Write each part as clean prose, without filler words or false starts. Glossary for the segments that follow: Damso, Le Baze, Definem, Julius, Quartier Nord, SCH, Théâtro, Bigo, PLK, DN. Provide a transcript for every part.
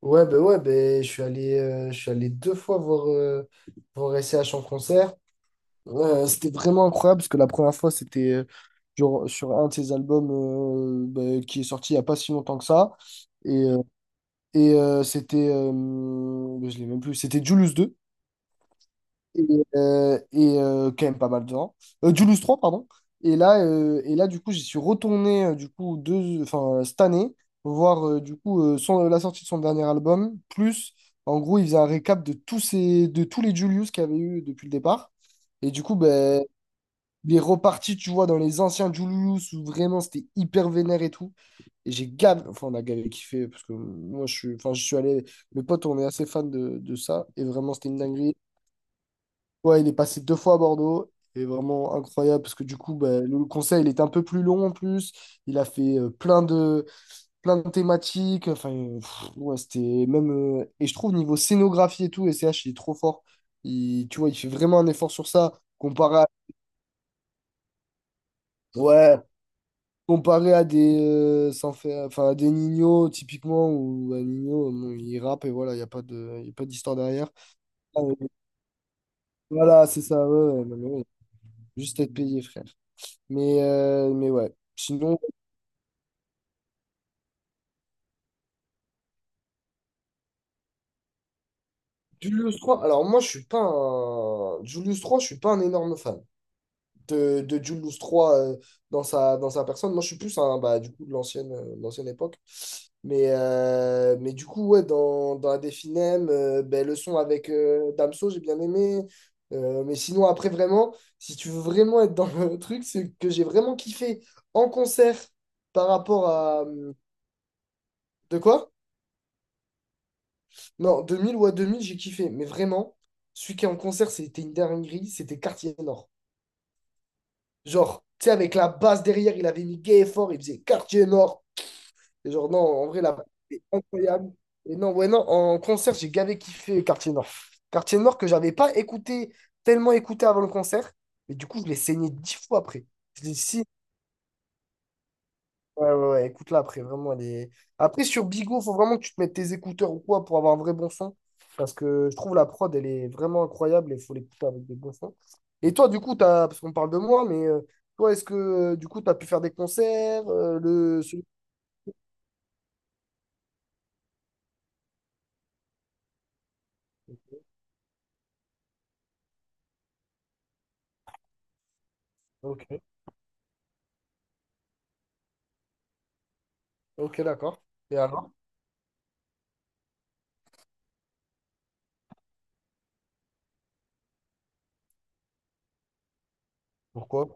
Ouais, ben, je suis allé 2 fois voir S C H en concert. C'était vraiment incroyable parce que la première fois, c'était sur un de ses albums ben, qui est sorti il n'y a pas si longtemps que ça. Et, euh, et c'était, ben, je l'ai même plus, c'était Julius deux et, et quand même pas mal de gens. Julius 3, pardon. Et là, du coup, j'y suis retourné du coup, cette année, voir du coup, la sortie de son dernier album. Plus, en gros, il faisait un récap de tous les Julius qu'il y avait eu depuis le départ. Et du coup, ben, il est reparti, tu vois, dans les anciens Julius où vraiment c'était hyper vénère et tout. Et enfin, on a gavé kiffé parce que moi, enfin, je suis allé, mes potes, on est assez fan de ça. Et vraiment, c'était une dinguerie. Ouais, il est passé 2 fois à Bordeaux. Et vraiment incroyable parce que du coup, ben, le conseil il est un peu plus long en plus. Il a fait plein de thématiques. Enfin, ouais, c'était même. Et je trouve, niveau scénographie et tout, S C H il est trop fort. Il, tu vois, il fait vraiment un effort sur ça. Comparé à, ouais, comparé sans faire, enfin, à des Nino, typiquement, ou à Nino, bon, il rappe et voilà, il y a pas d'histoire derrière. Ah, euh, Voilà, c'est ça. Ouais, ouais, non, mais ouais, juste être payé, frère. Mais ouais. Sinon, Julius trois alors moi je suis pas un. Julius 3, je suis pas un énorme fan de Julius trois dans sa personne. Moi je suis plus bah, du coup, de l'ancienne époque. Mais du coup, ouais, dans la Definem, ben, le son avec Damso, j'ai bien aimé. Mais sinon, après, vraiment, si tu veux vraiment être dans le truc, c'est que j'ai vraiment kiffé en concert par rapport à. De quoi? Non, 2000 ou à 2000 j'ai kiffé. Mais vraiment, celui qui est en concert, c'était une dinguerie, c'était Quartier Nord. Genre, tu sais, avec la basse derrière, il avait mis gay et fort, il faisait Quartier Nord. Et genre, non, en vrai, la c'était incroyable. Et non, ouais, non, en concert, j'ai gavé kiffé Quartier Nord. Quartier Nord que j'avais pas écouté, tellement écouté avant le concert. Mais du coup, je l'ai saigné 10 fois après. Je l'ai Ouais, ouais, ouais, écoute-la après, vraiment, elle est. Après, sur Bigo, faut vraiment que tu te mettes tes écouteurs ou quoi pour avoir un vrai bon son. Parce que je trouve la prod, elle est vraiment incroyable et il faut l'écouter avec des bons sons. Et toi, du coup, t'as, parce qu'on parle de moi, mais toi, est-ce que du coup, t'as pu faire des concerts. Ok, ok, d'accord. Et alors? Pourquoi?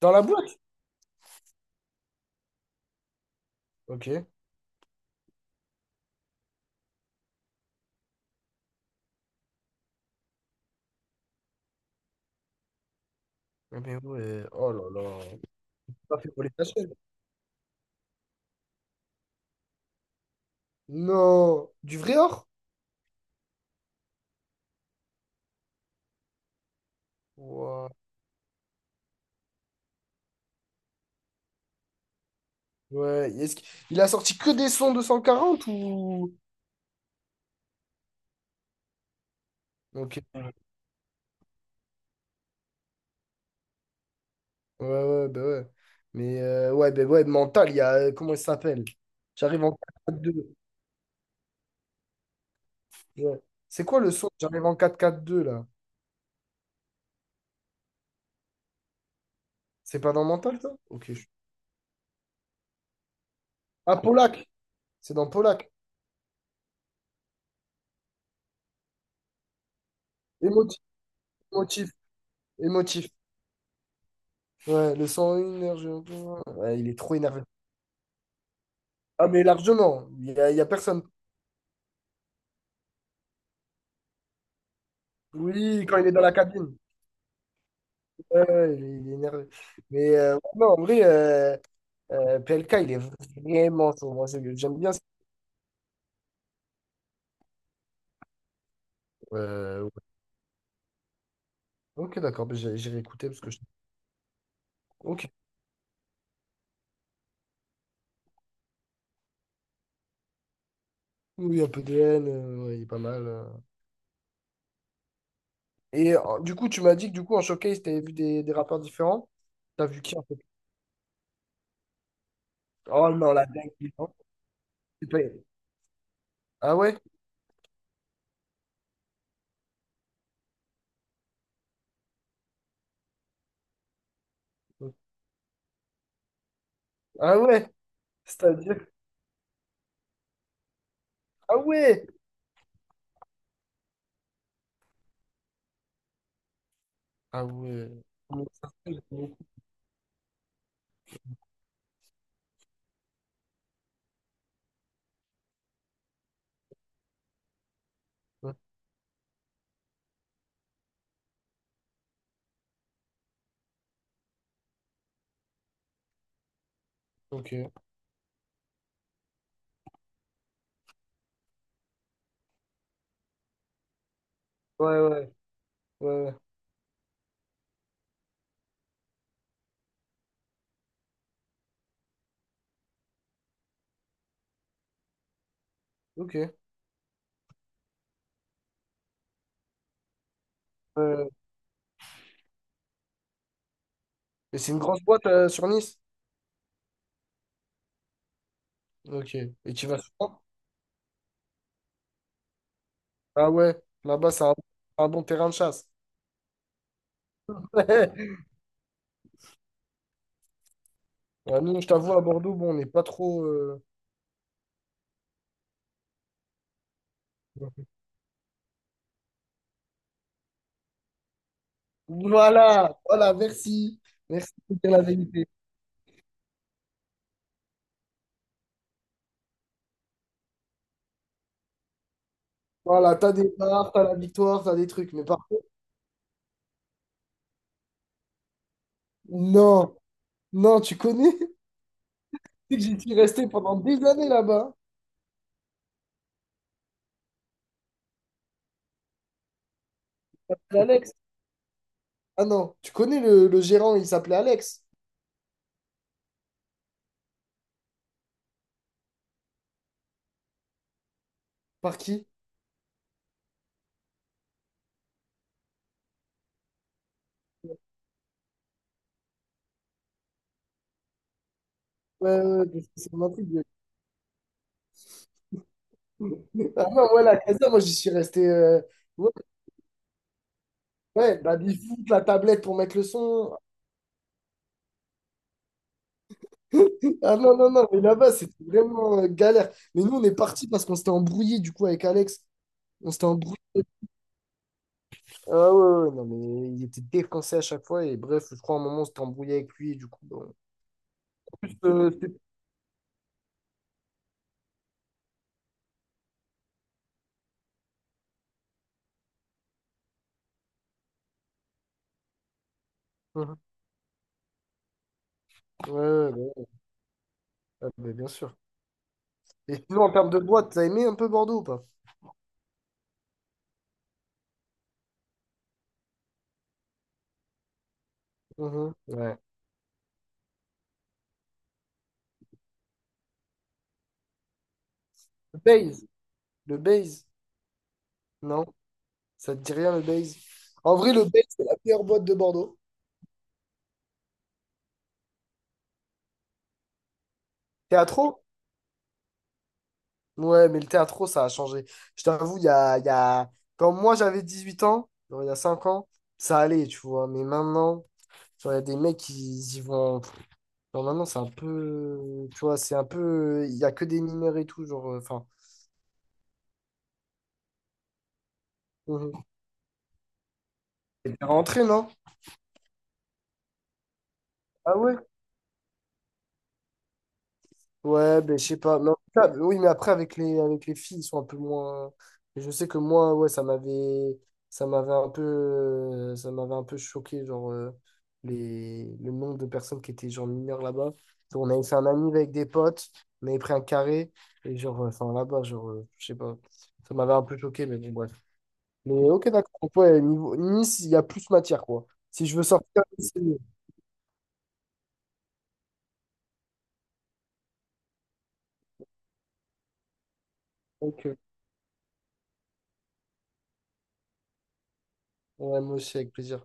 Dans la boîte? Ok. Ah, mais ouais, oh là là. T'as fait voler ta chaîne. Non, du vrai or? Ouah. Ouais, est-ce qu'il il a sorti que des sons 240 ou. Ok. Ouais, ouais, bah ouais. Mais ouais, bah ouais, mental, il y a. Comment il s'appelle? J'arrive en 4-4-2. Ouais. C'est quoi le son? J'arrive en 4-4-2 là. C'est pas dans mental, ça? Ok. Ah, Polak! C'est dans Polak. Émotif, émotif, émotif. Ouais, le 101, ouais, il est trop énervé. Ah, mais largement. Il y a personne. Oui, quand il est dans la cabine. Ouais, ouais, il est énervé. Mais non, en vrai, PLK, il est vraiment chaud. Moi, j'aime bien ça. Ok, d'accord, bah, j'ai réécouté parce que je. Ok. Oui, oui, un peu DN, ouais, il est pas mal. Et du coup, tu m'as dit que du coup, en showcase, t'avais vu des rappeurs différents. T'as vu qui en fait? Oh non, la dingue. Non. C'est pas- Ah ouais? Ok. Ah ouais? C'est-à-dire? Ah ouais? Ah ouais. Comment ça se fait, j'ai pas vu. Ouais, ok. Ouais, ouais. Ouais, ouais. Ok. Ouais. Et c'est une grosse boîte sur Nice? Ok. Et tu vas souvent? Ah ouais. Là-bas, c'est un bon terrain de chasse. Ouais, nous, je t'avoue, à Bordeaux, bon, on n'est pas trop. Voilà, voilà, merci. Merci de dire la vérité. Voilà, t'as des parts, t'as la victoire, t'as des trucs. Mais par contre, non, non, tu connais? C'est que j'y suis resté pendant des années là-bas. C'est Alex. Ah non, tu connais le gérant, il s'appelait Alex. Par qui? Ouais, ouais, ouais, parce que c'est mon intrigue. Ah non, ouais, la casa, moi j'y suis resté. Ouais, ouais, bah, du foot, la tablette pour mettre le son. Ah non, non, non, mais là-bas, c'était vraiment galère. Mais nous, on est parti parce qu'on s'était embrouillé du coup avec Alex. On s'était embrouillé. Ah ouais, ouais, ouais, non, mais il était défoncé à chaque fois. Et bref, je crois à un moment, on s'était embrouillé avec lui. Et du coup, bon. En plus, Mhm. Ouais, ouais, ouais. Ah, bah, bien sûr. Et sinon, en termes de boîte, t'as aimé un peu Bordeaux ou pas? Mhm. Ouais. Le Baze. Le Baze. Non? Ça te dit rien, le Baze? En vrai, le Baze, c'est la meilleure boîte de Bordeaux. Théâtro? Ouais, mais le théâtro, ça a changé. Je t'avoue, il y a. Quand moi, j'avais 18 ans, genre, il y a 5 ans, ça allait, tu vois. Mais maintenant, genre, il y a des mecs, qui y vont. Genre maintenant, c'est un peu. Tu vois, c'est un peu. Il n'y a que des mineurs et tout, genre. Enfin. Mhm. Et t'es rentré, non? Ah ouais? Ouais, ben je sais pas. Mais en tout cas, oui, mais après, avec les filles, ils sont un peu moins. Et je sais que moi, ouais, ça m'avait. Ça m'avait un peu. Ça m'avait un peu choqué, genre. Le nombre de personnes qui étaient, genre, mineures là-bas. Donc, on avait fait un ami avec des potes. On avait pris un carré. Et, genre, enfin, là-bas, genre. Je sais pas. Ça m'avait un peu choqué, mais bon, bref. Mais ok, d'accord. Donc, ouais, niveau Nice, il y a plus matière, quoi. Si je veux sortir, c'est mieux. Ok. Ouais, moi aussi, avec plaisir.